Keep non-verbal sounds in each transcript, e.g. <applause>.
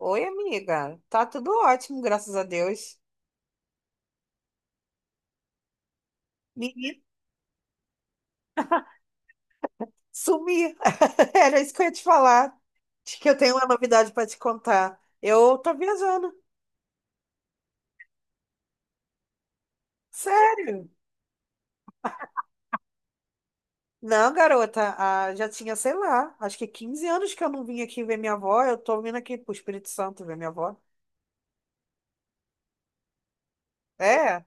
Oi, amiga. Tá tudo ótimo, graças a Deus. Menina, <laughs> sumi. <laughs> Era isso que eu ia te falar. Acho que eu tenho uma novidade para te contar. Eu tô viajando. Sério? Não, garota. Já tinha, sei lá, acho que 15 anos que eu não vim aqui ver minha avó. Eu tô vindo aqui pro Espírito Santo ver minha avó. É.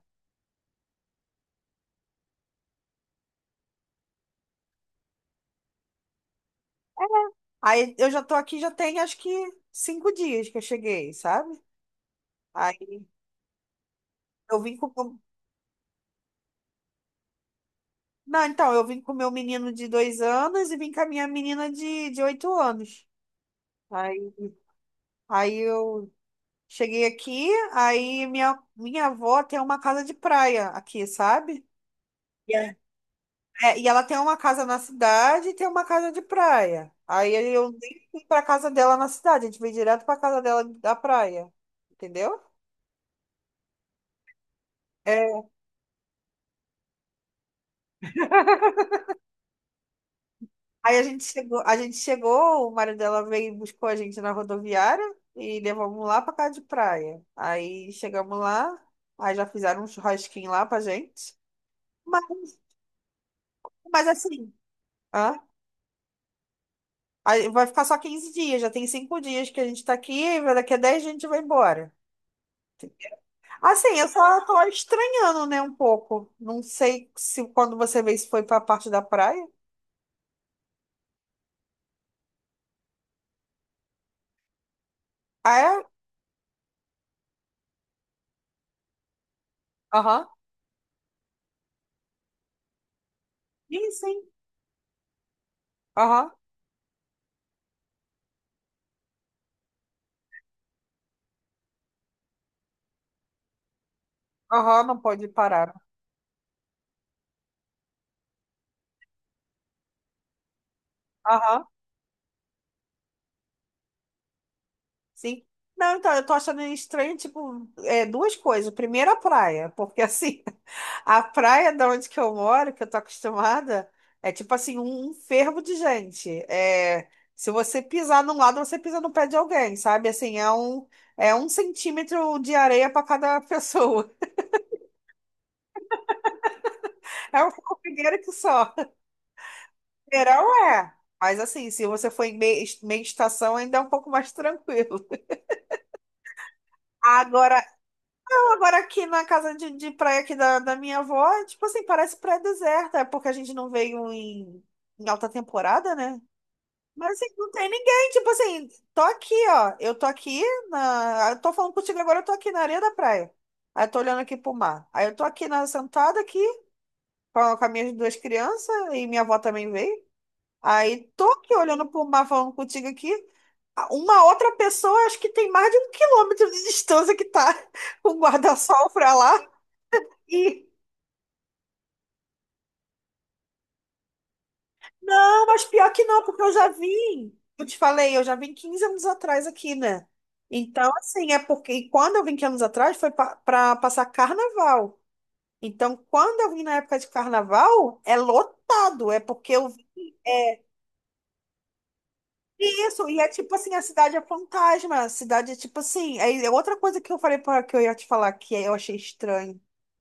Aí eu já tô aqui, já tem acho que 5 dias que eu cheguei, sabe? Aí eu vim com. Não, então, eu vim com meu menino de 2 anos e vim com a minha menina de 8 anos. Aí, aí, eu cheguei aqui, aí minha avó tem uma casa de praia aqui, sabe? Yeah. É, e ela tem uma casa na cidade e tem uma casa de praia. Aí eu nem fui pra casa dela na cidade, a gente veio direto pra casa dela da praia. Entendeu? Aí a gente chegou, A gente chegou, o marido dela veio e buscou a gente na rodoviária e levamos lá pra casa de praia. Aí chegamos lá, aí já fizeram um churrasquinho lá pra gente. Mas, mas assim, hã? Aí vai ficar só 15 dias, já tem cinco dias que a gente tá aqui, daqui a 10 a gente vai embora. Assim, eu só tô estranhando, né, um pouco. Não sei se quando você vê se foi pra parte da praia. Ah, é? Aham. Sim, sim. Aham. Aham, não pode parar. Aham. Sim. Não, então, eu tô achando estranho, tipo, duas coisas. Primeiro, a praia, porque assim, <laughs> a praia da onde que eu moro, que eu tô acostumada, é tipo assim, um fervo de gente. É, se você pisar num lado, você pisa no pé de alguém, sabe? Assim, é um centímetro de areia para cada pessoa. <laughs> É um formigueiro que só. Verão é. Mas assim, se você for em meia estação, ainda é um pouco mais tranquilo. Agora, Agora, aqui na casa de, praia aqui da minha avó, é tipo assim, parece praia deserta, é porque a gente não veio em alta temporada, né? Mas assim, não tem ninguém, tipo assim, tô aqui, ó, eu tô aqui eu tô falando contigo agora, eu tô aqui na areia da praia. Aí eu tô olhando aqui pro mar. Aí eu tô aqui na sentada aqui com as minhas duas crianças e minha avó também veio. Aí tô aqui olhando pro mar falando contigo aqui. Ah, uma outra pessoa, acho que tem mais de 1 km de distância que tá <laughs> com o guarda-sol pra lá. E Não, mas pior que não, porque eu já vim. Eu te falei, eu já vim 15 anos atrás aqui, né? Então, assim, é porque e quando eu vim 15 anos atrás foi para passar carnaval. Então, quando eu vim na época de carnaval, é lotado, é porque eu vim. É isso, e é tipo assim, a cidade é fantasma, a cidade é tipo assim. É outra coisa que eu falei para que eu ia te falar que eu achei estranho.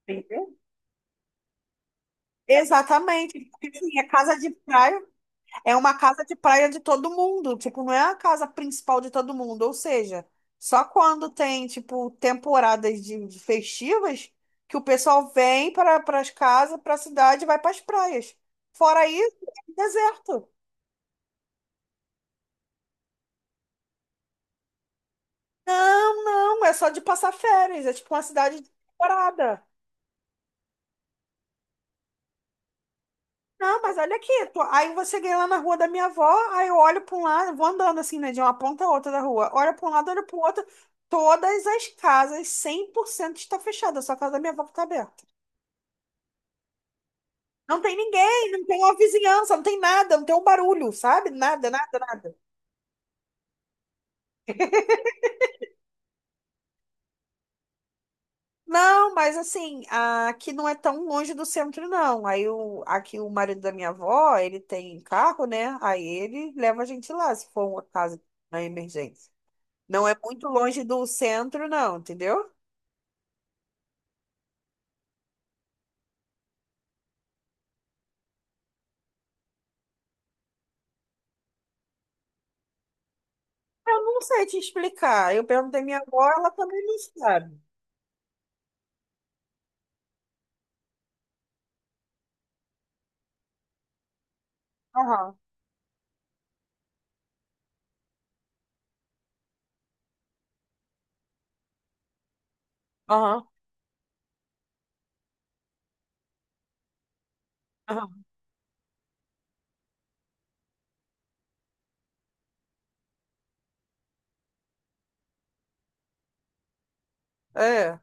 Entendeu? Exatamente. Porque, assim, é casa de praia. É uma casa de praia de todo mundo, tipo, não é a casa principal de todo mundo, ou seja, só quando tem, tipo, temporadas de festivas que o pessoal vem para as casas, para a cidade e vai para as praias. Fora isso, é deserto. Não, não, é só de passar férias, é tipo uma cidade de temporada. Não, mas olha aqui, aí você cheguei lá na rua da minha avó, aí eu olho para um lado, vou andando assim, né, de uma ponta a outra da rua, olho para um lado, olho para o outro, todas as casas, 100% está fechada, só a casa da minha avó que está aberta. Não tem ninguém, não tem uma vizinhança, não tem nada, não tem um barulho, sabe? Nada, nada, nada. Não, mas assim, aqui não é tão longe do centro, não. Aí aqui o marido da minha avó, ele tem carro, né? Aí ele leva a gente lá, se for uma casa na emergência. Não é muito longe do centro, não, entendeu? Eu não sei te explicar. Eu perguntei à minha avó, ela também não sabe. Aham, aham, aham. É.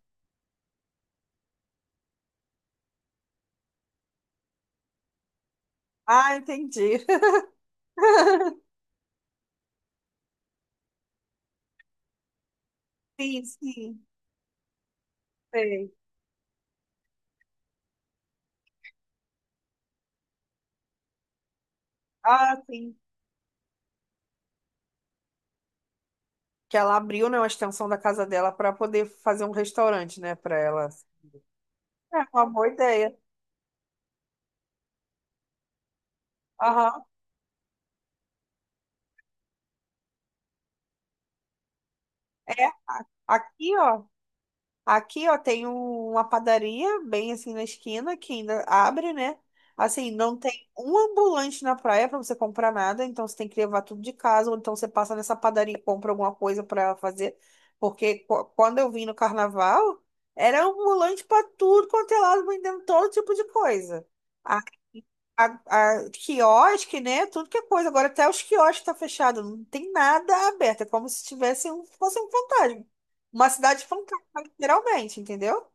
Ah, entendi. <laughs> Sim, sim, sei. Ah, sim. Que ela abriu, né, uma extensão da casa dela para poder fazer um restaurante, né, para ela. É uma boa ideia. Aham. É. Aqui, ó. Aqui, ó, tem uma padaria bem assim na esquina que ainda abre, né? Assim, não tem um ambulante na praia para você comprar nada, então você tem que levar tudo de casa, ou então você passa nessa padaria e compra alguma coisa para fazer. Porque quando eu vim no carnaval, era ambulante para tudo quanto é lado, vendendo todo tipo de coisa a, a quiosque, né? Tudo que é coisa. Agora até os quiosques tá fechado, não tem nada aberto. É como se fosse um fantasma. Uma cidade fantasma, literalmente, entendeu?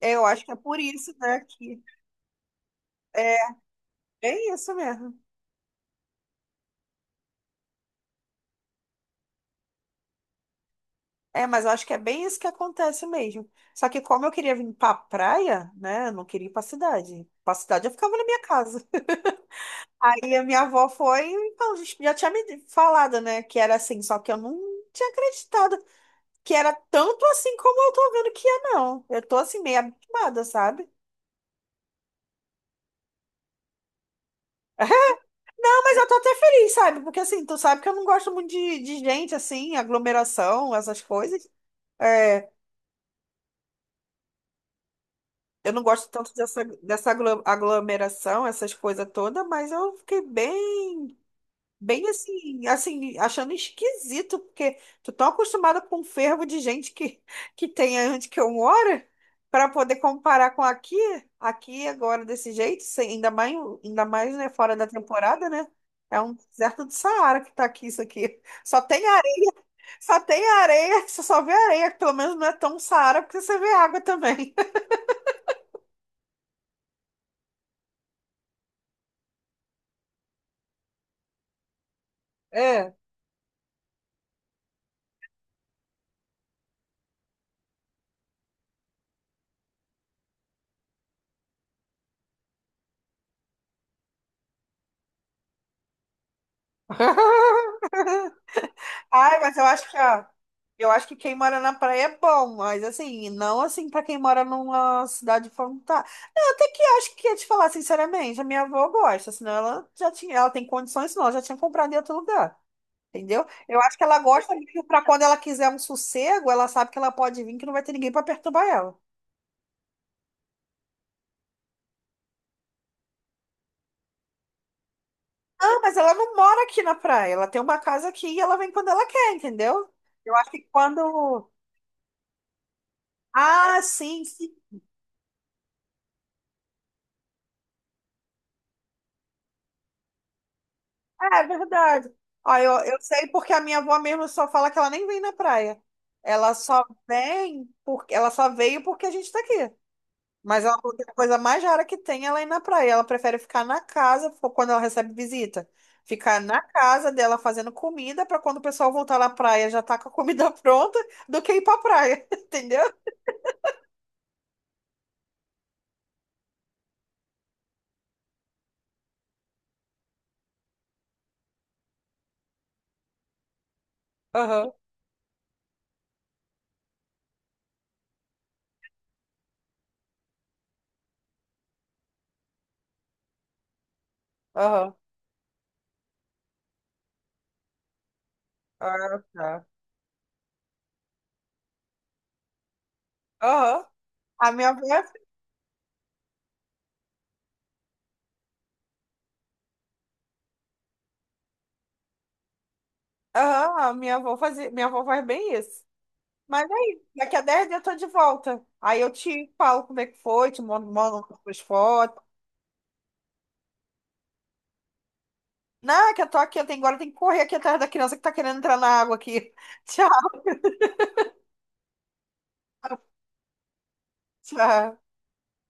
Eu acho que é por isso, né, que é bem isso mesmo. É, mas eu acho que é bem isso que acontece mesmo. Só que como eu queria vir pra praia, né, eu não queria ir pra cidade. Pra cidade eu ficava na minha casa. <laughs> Aí a minha avó foi, então, já tinha me falado, né, que era assim, só que eu não tinha acreditado que era tanto assim como eu tô vendo que é, não. Eu tô assim, meio abismada, sabe? <laughs> Ah, mas eu tô até feliz, sabe? Porque assim, tu sabe que eu não gosto muito de, gente, assim, aglomeração, essas coisas. É, eu não gosto tanto dessa aglomeração, essas coisas todas, mas eu fiquei bem. Bem assim, achando esquisito, porque tu tá acostumada com um fervo de gente que, <laughs> que tem onde que eu moro, para poder comparar com aqui, aqui agora desse jeito, ainda mais, né, fora da temporada, né? É um deserto do Saara que tá aqui, isso aqui. Só tem areia, você só vê areia, pelo menos não é tão Saara, porque você vê água também. <laughs> É. <laughs> Ai, mas eu acho que, ó, eu acho que quem mora na praia é bom, mas assim, não assim pra quem mora numa cidade fantástica. Não, até que acho que ia te falar sinceramente, a minha avó gosta, senão ela já tinha, ela tem condições, senão ela já tinha comprado em outro lugar, entendeu? Eu acho que ela gosta mesmo pra quando ela quiser um sossego, ela sabe que ela pode vir, que não vai ter ninguém pra perturbar ela. Ah, mas ela não mora aqui na praia, ela tem uma casa aqui e ela vem quando ela quer, entendeu? Eu acho que quando. Ah, sim, sim. É verdade. Ó, eu sei porque a minha avó mesmo só fala que ela nem vem na praia. Ela só vem porque ela só veio porque a gente tá aqui. Mas ela falou que a coisa mais rara que tem é ela ir na praia. Ela prefere ficar na casa quando ela recebe visita. Ficar na casa dela fazendo comida para quando o pessoal voltar na praia já tá com a comida <laughs> pronta do que ir pra praia, <laughs> entendeu? Aham, aham. Ah, tá. Aham. A minha avó, é assim. Aham, a minha avó fazia, minha avó faz bem isso. Mas aí, daqui a 10 dias eu tô de volta. Aí eu te falo como é que foi, te mando as fotos. Não, é que eu tô aqui, agora eu tenho que correr aqui atrás da criança que tá querendo entrar na água aqui. <laughs> Tchau, tchau.